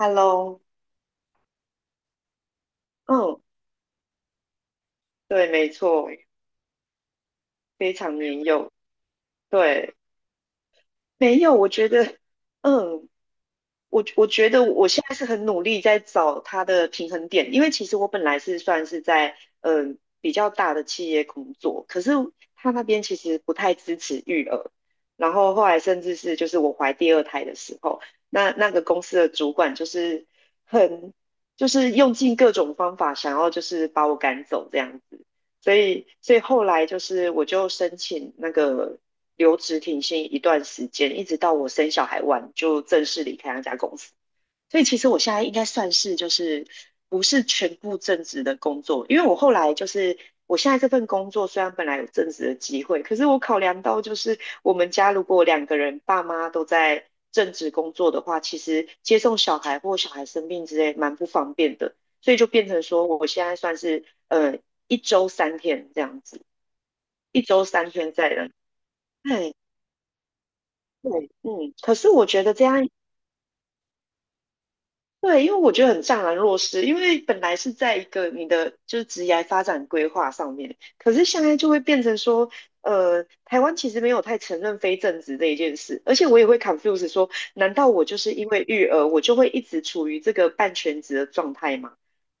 Hello，嗯，对，没错，非常年幼，对，没有，嗯，我觉得我现在是很努力在找它的平衡点，因为其实我本来是算是在比较大的企业工作，可是他那边其实不太支持育儿，然后后来甚至是就是我怀第二胎的时候，那个公司的主管就是很就是用尽各种方法想要就是把我赶走这样子，所以后来就是我就申请那个留职停薪一段时间，一直到我生小孩完就正式离开那家公司。所以其实我现在应该算是就是不是全部正职的工作，因为我后来就是我现在这份工作虽然本来有正职的机会，可是我考量到就是我们家如果2个人爸妈都在正职工作的话，其实接送小孩或小孩生病之类蛮不方便的，所以就变成说我现在算是一周三天这样子，一周三天在人。对，对，嗯，可是我觉得这样对，因为我觉得很怅然若失，因为本来是在一个你的就是职业发展规划上面，可是现在就会变成说，台湾其实没有太承认非正职这一件事，而且我也会 confuse 说，难道我就是因为育儿，我就会一直处于这个半全职的状态吗？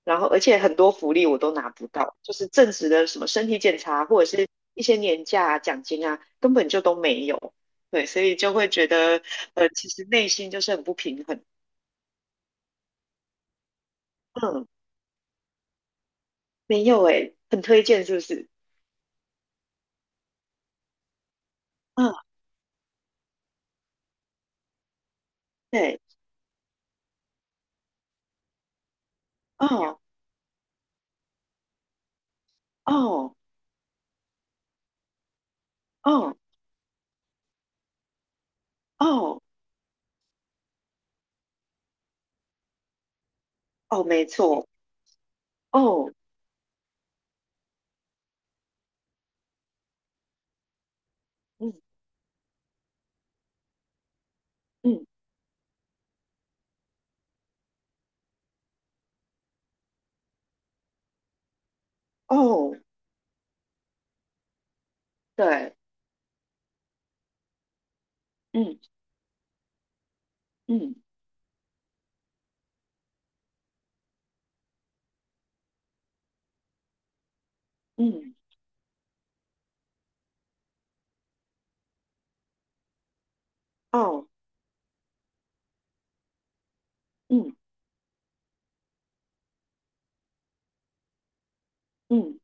然后，而且很多福利我都拿不到，就是正职的什么身体检查或者是一些年假啊、奖金啊，根本就都没有。对，所以就会觉得，其实内心就是很不平衡。嗯没有诶，很推荐是不是？嗯，对，哦哦哦哦哦，没错，哦，嗯嗯，哦，对，嗯嗯嗯，哦，嗯嗯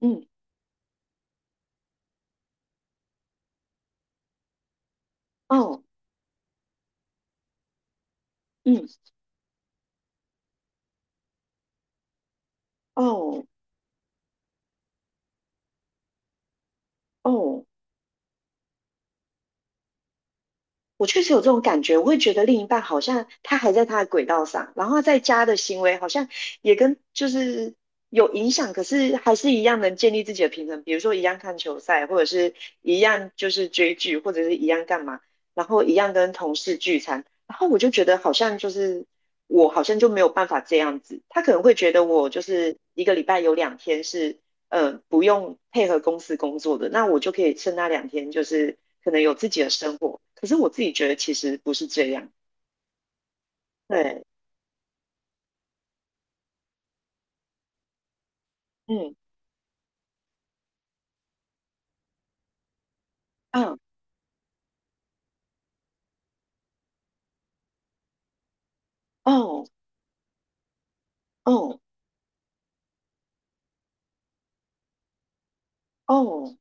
嗯，哦，嗯哦哦。我确实有这种感觉，我会觉得另一半好像他还在他的轨道上，然后他在家的行为好像也跟就是有影响，可是还是一样能建立自己的平衡，比如说一样看球赛，或者是一样就是追剧，或者是一样干嘛，然后一样跟同事聚餐，然后我就觉得好像就是我好像就没有办法这样子，他可能会觉得我就是一个礼拜有两天是不用配合公司工作的，那我就可以趁那两天，就是可能有自己的生活。可是我自己觉得其实不是这样，对，嗯，嗯。哦，哦，哦，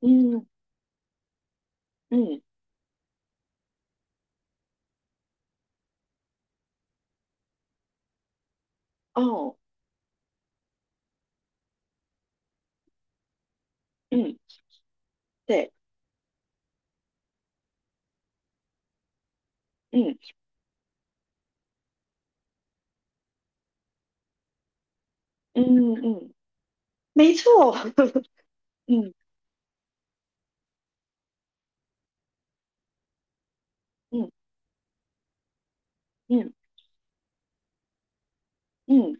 嗯，嗯，哦，嗯，对，嗯，嗯，嗯，没错，嗯，嗯，嗯，嗯，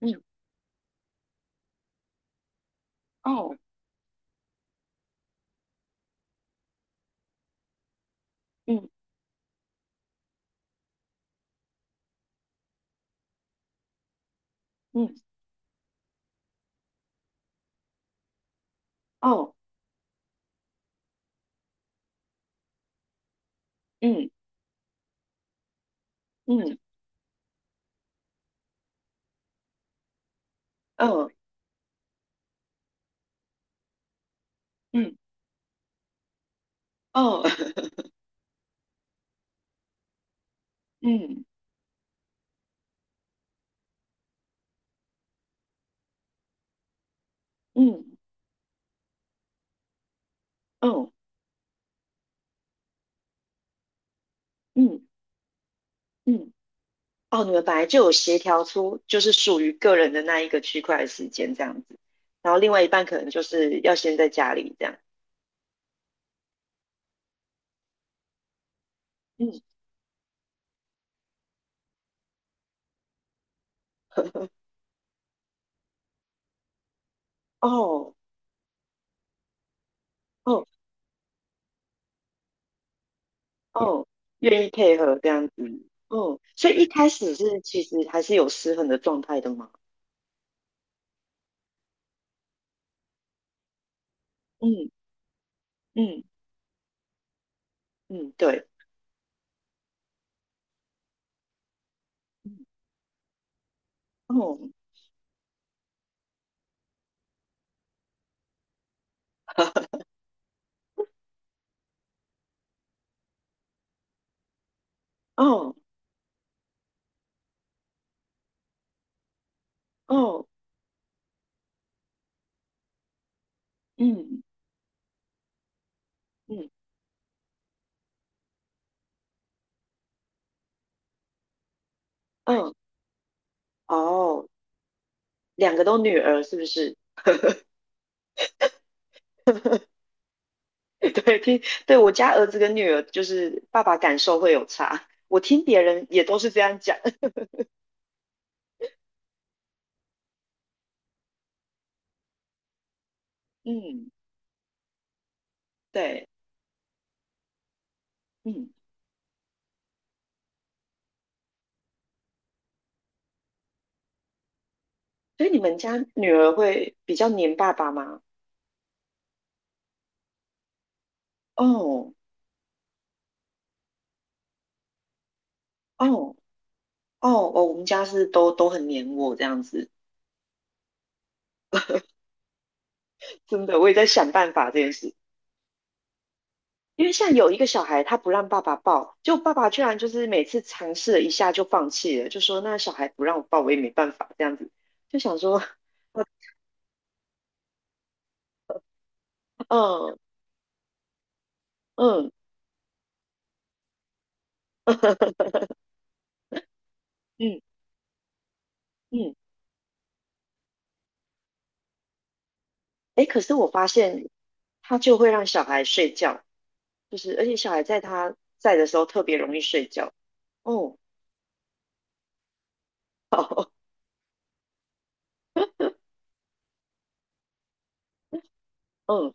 嗯，哦，嗯，嗯，哦，嗯，嗯，哦，嗯，哦，嗯，嗯，嗯嗯，嗯。哦，你们本来就有协调出就是属于个人的那一个区块的时间这样子，然后另外一半可能就是要先在家里这样，嗯，哦哦哦，愿意配合这样子，嗯，所以一开始是其实还是有失衡的状态的嘛，嗯嗯嗯，对，嗯哦哦哦，嗯嗯哦哦，两个都女儿是不是？对，听，对，我家儿子跟女儿，就是爸爸感受会有差。我听别人也都是这样讲。嗯，对，嗯，所以你们家女儿会比较黏爸爸吗？哦，哦，哦，哦，我们家是都很黏我这样子，真的，我也在想办法这件事。因为像有一个小孩，他不让爸爸抱，就爸爸居然就是每次尝试了一下就放弃了，就说那小孩不让我抱，我也没办法这样子，就想说，嗯嗯 嗯，嗯，哎，可是我发现他就会让小孩睡觉，就是而且小孩在他在的时候特别容易睡觉。哦，好，嗯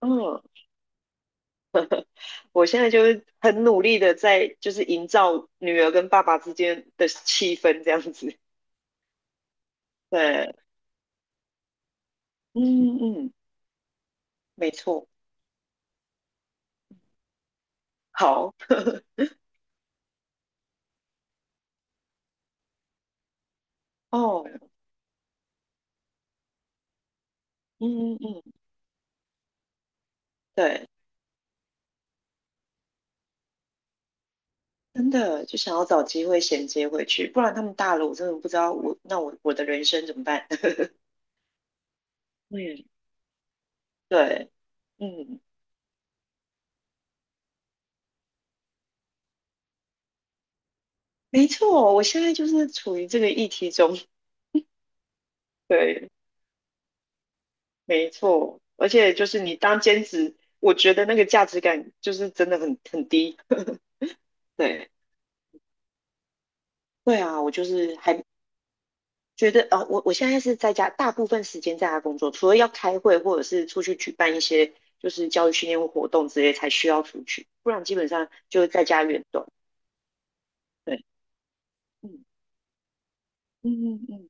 嗯，我现在就是很努力的在就是营造女儿跟爸爸之间的气氛这样子。对，嗯嗯，没错，好哦，嗯嗯嗯，对，真的就想要找机会衔接回去，不然他们大了，我真的不知道我那我我的人生怎么办。嗯，对，嗯。没错，我现在就是处于这个议题中，对，没错，而且就是你当兼职，我觉得那个价值感就是真的很低，对，对啊，我就是还觉得，我现在是在家，大部分时间在家工作，除了要开会或者是出去举办一些就是教育训练活动之类才需要出去，不然基本上就是在家远动。对，嗯嗯嗯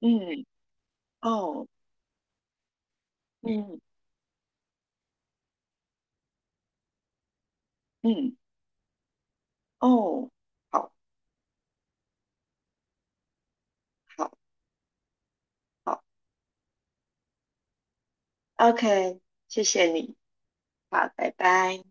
嗯嗯，哦，嗯嗯哦，好，好。好 OK，谢谢你，好，拜拜。